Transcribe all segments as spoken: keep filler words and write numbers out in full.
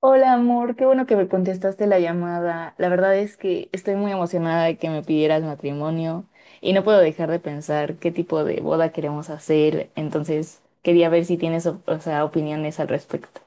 Hola amor, qué bueno que me contestaste la llamada. La verdad es que estoy muy emocionada de que me pidieras matrimonio y no puedo dejar de pensar qué tipo de boda queremos hacer. Entonces, quería ver si tienes, o o sea, opiniones al respecto.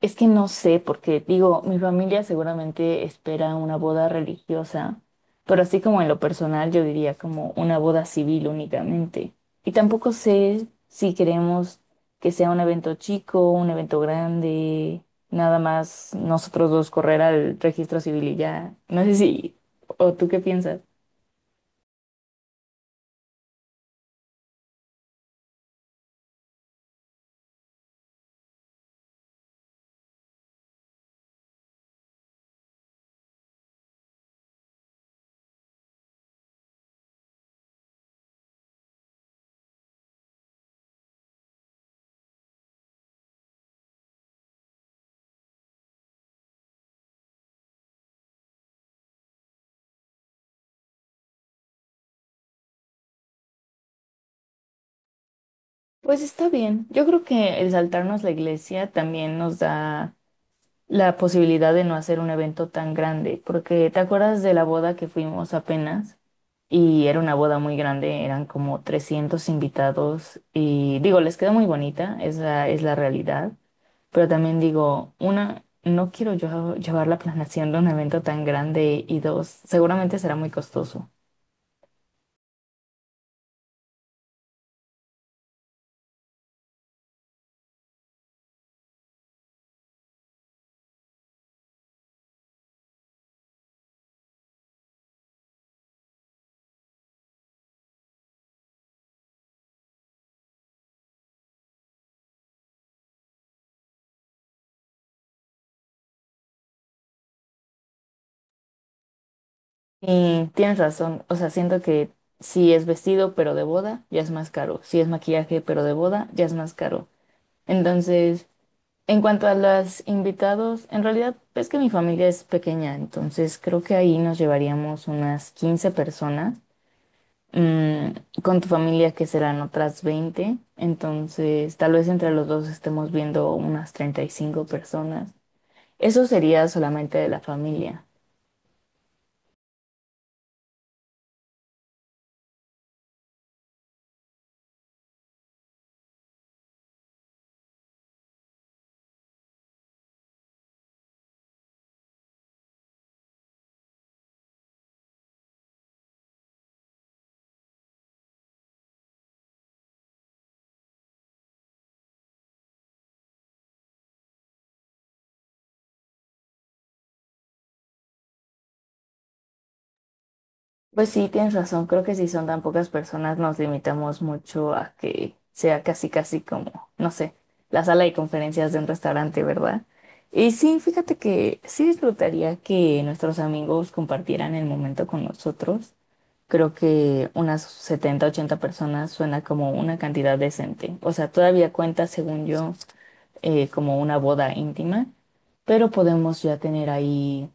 Es que no sé, porque digo, mi familia seguramente espera una boda religiosa, pero así como en lo personal yo diría como una boda civil únicamente. Y tampoco sé si queremos que sea un evento chico, un evento grande, nada más nosotros dos correr al registro civil y ya. No sé si, o tú qué piensas. Pues está bien, yo creo que el saltarnos la iglesia también nos da la posibilidad de no hacer un evento tan grande, porque ¿te acuerdas de la boda que fuimos apenas? Y era una boda muy grande, eran como trescientos invitados y digo, les quedó muy bonita, esa es la realidad, pero también digo, una, no quiero yo llevar la planeación de un evento tan grande y dos, seguramente será muy costoso. Y tienes razón, o sea, siento que si es vestido pero de boda, ya es más caro, si es maquillaje pero de boda, ya es más caro. Entonces, en cuanto a los invitados, en realidad es que mi familia es pequeña, entonces creo que ahí nos llevaríamos unas quince personas. Mm, con tu familia que serán otras veinte, entonces tal vez entre los dos estemos viendo unas treinta y cinco personas. Eso sería solamente de la familia. Pues sí, tienes razón, creo que si son tan pocas personas nos limitamos mucho a que sea casi casi como, no sé, la sala de conferencias de un restaurante, ¿verdad? Y sí, fíjate que sí disfrutaría que nuestros amigos compartieran el momento con nosotros. Creo que unas setenta, ochenta personas suena como una cantidad decente. O sea, todavía cuenta, según yo, eh, como una boda íntima, pero podemos ya tener ahí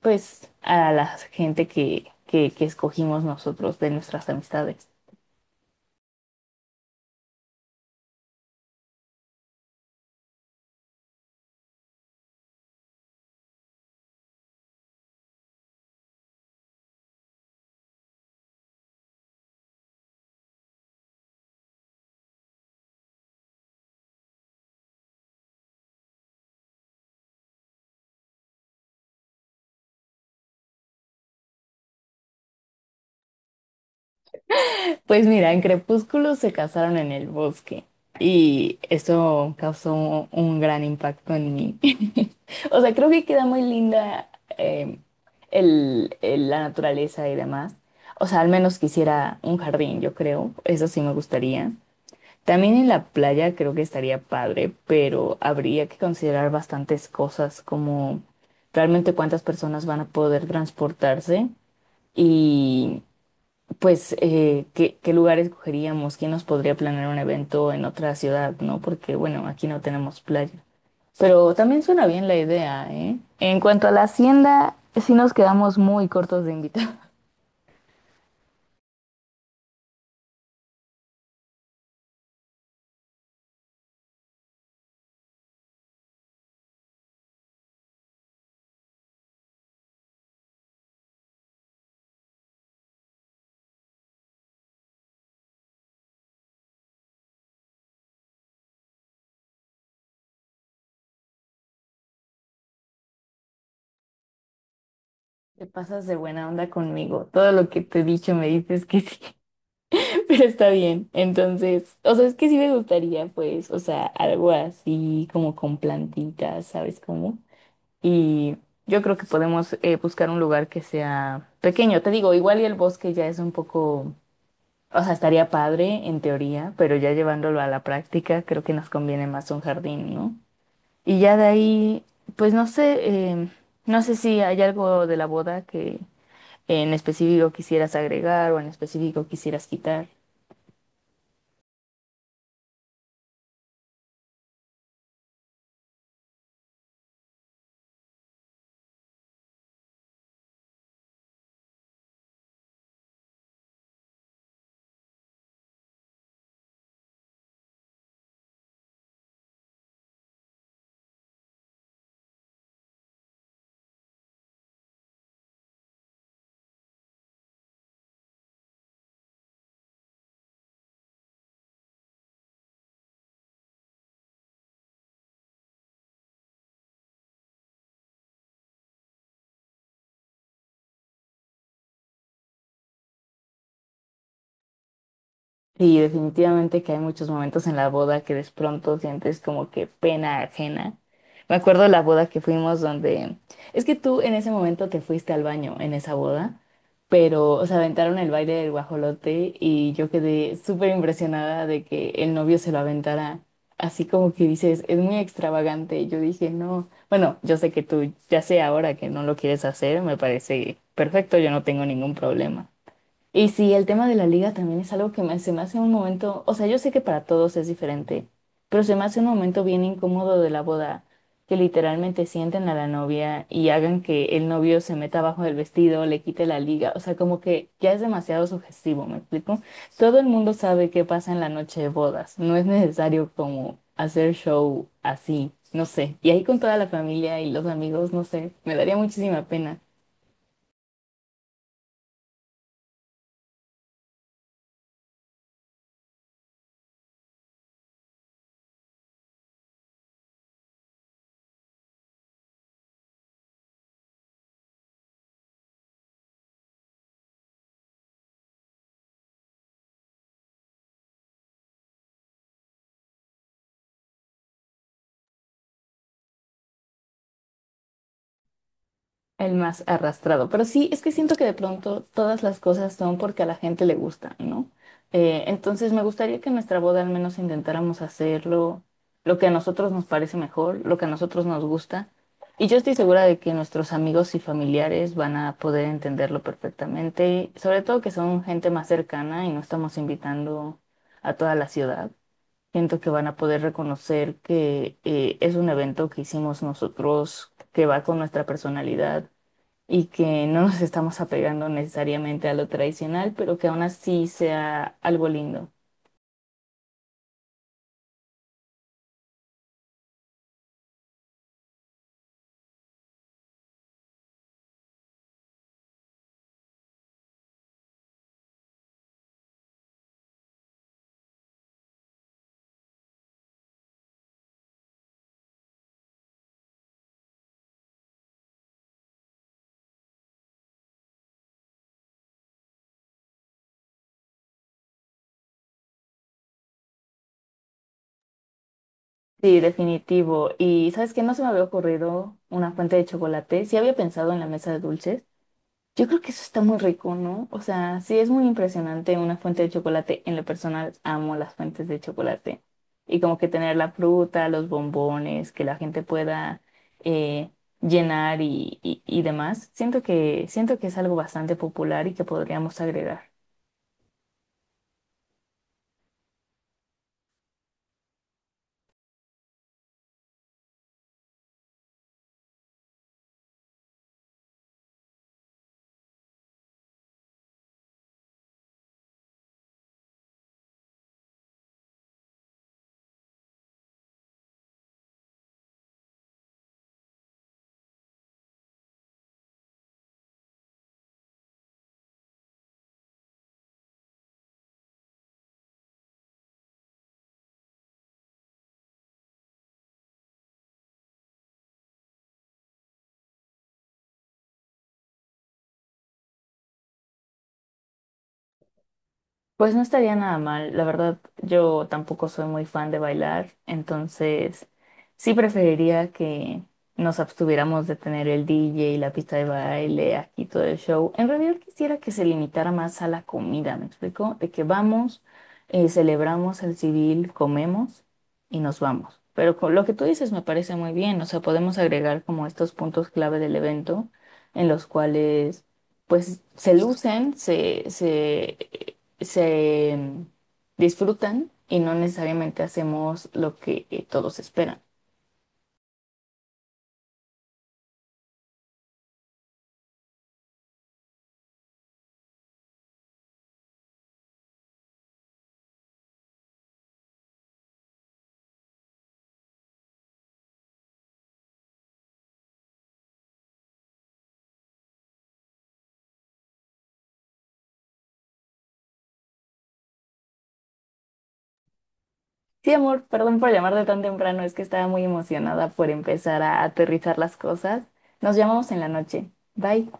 pues a la gente que, que, que escogimos nosotros de nuestras amistades. Pues mira, en Crepúsculo se casaron en el bosque y eso causó un gran impacto en mí. O sea, creo que queda muy linda eh, el- el- la naturaleza y demás. O sea, al menos quisiera un jardín, yo creo. Eso sí me gustaría. También en la playa creo que estaría padre, pero habría que considerar bastantes cosas como realmente cuántas personas van a poder transportarse y pues eh, qué, qué lugar escogeríamos, quién nos podría planear un evento en otra ciudad, ¿no? Porque bueno, aquí no tenemos playa. Pero también suena bien la idea, ¿eh? En cuanto a la hacienda, sí nos quedamos muy cortos de invitados. Te pasas de buena onda conmigo. Todo lo que te he dicho me dices que sí. Pero está bien. Entonces, o sea, es que sí me gustaría, pues, o sea, algo así como con plantitas, ¿sabes cómo? Y yo creo que podemos eh, buscar un lugar que sea pequeño. Te digo, igual y el bosque ya es un poco, o sea, estaría padre en teoría, pero ya llevándolo a la práctica, creo que nos conviene más un jardín, ¿no? Y ya de ahí, pues no sé, em, no sé si hay algo de la boda que en específico quisieras agregar o en específico quisieras quitar. Sí, definitivamente que hay muchos momentos en la boda que de pronto sientes como que pena ajena. Me acuerdo de la boda que fuimos donde… Es que tú en ese momento te fuiste al baño en esa boda, pero se aventaron el baile del guajolote y yo quedé súper impresionada de que el novio se lo aventara. Así como que dices, es muy extravagante. Yo dije, no, bueno, yo sé que tú ya sé ahora que no lo quieres hacer, me parece perfecto, yo no tengo ningún problema. Y sí, el tema de la liga también es algo que me, se me hace un momento, o sea, yo sé que para todos es diferente, pero se me hace un momento bien incómodo de la boda, que literalmente sienten a la novia y hagan que el novio se meta abajo del vestido, le quite la liga, o sea, como que ya es demasiado sugestivo, ¿me explico? Todo el mundo sabe qué pasa en la noche de bodas, no es necesario como hacer show así, no sé, y ahí con toda la familia y los amigos, no sé, me daría muchísima pena. El más arrastrado. Pero sí, es que siento que de pronto todas las cosas son porque a la gente le gusta, ¿no? Eh, entonces me gustaría que en nuestra boda al menos intentáramos hacerlo, lo que a nosotros nos parece mejor, lo que a nosotros nos gusta. Y yo estoy segura de que nuestros amigos y familiares van a poder entenderlo perfectamente, sobre todo que son gente más cercana y no estamos invitando a toda la ciudad. Siento que van a poder reconocer que eh, es un evento que hicimos nosotros, que va con nuestra personalidad y que no nos estamos apegando necesariamente a lo tradicional, pero que aún así sea algo lindo. Sí, definitivo. Y sabes que no se me había ocurrido una fuente de chocolate. Sí había pensado en la mesa de dulces. Yo creo que eso está muy rico, ¿no? O sea, sí es muy impresionante una fuente de chocolate. En lo personal, amo las fuentes de chocolate. Y como que tener la fruta, los bombones, que la gente pueda eh, llenar y, y, y demás. Siento que, siento que es algo bastante popular y que podríamos agregar. Pues no estaría nada mal, la verdad yo tampoco soy muy fan de bailar, entonces sí preferiría que nos abstuviéramos de tener el D J y la pista de baile aquí todo el show. En realidad quisiera que se limitara más a la comida, ¿me explico? De que vamos, eh, celebramos el civil, comemos y nos vamos. Pero con lo que tú dices me parece muy bien, o sea, podemos agregar como estos puntos clave del evento en los cuales pues se lucen, se, se se mm, disfrutan y no necesariamente hacemos lo que eh, todos esperan. Sí, amor, perdón por llamarte tan temprano, es que estaba muy emocionada por empezar a aterrizar las cosas. Nos llamamos en la noche. Bye.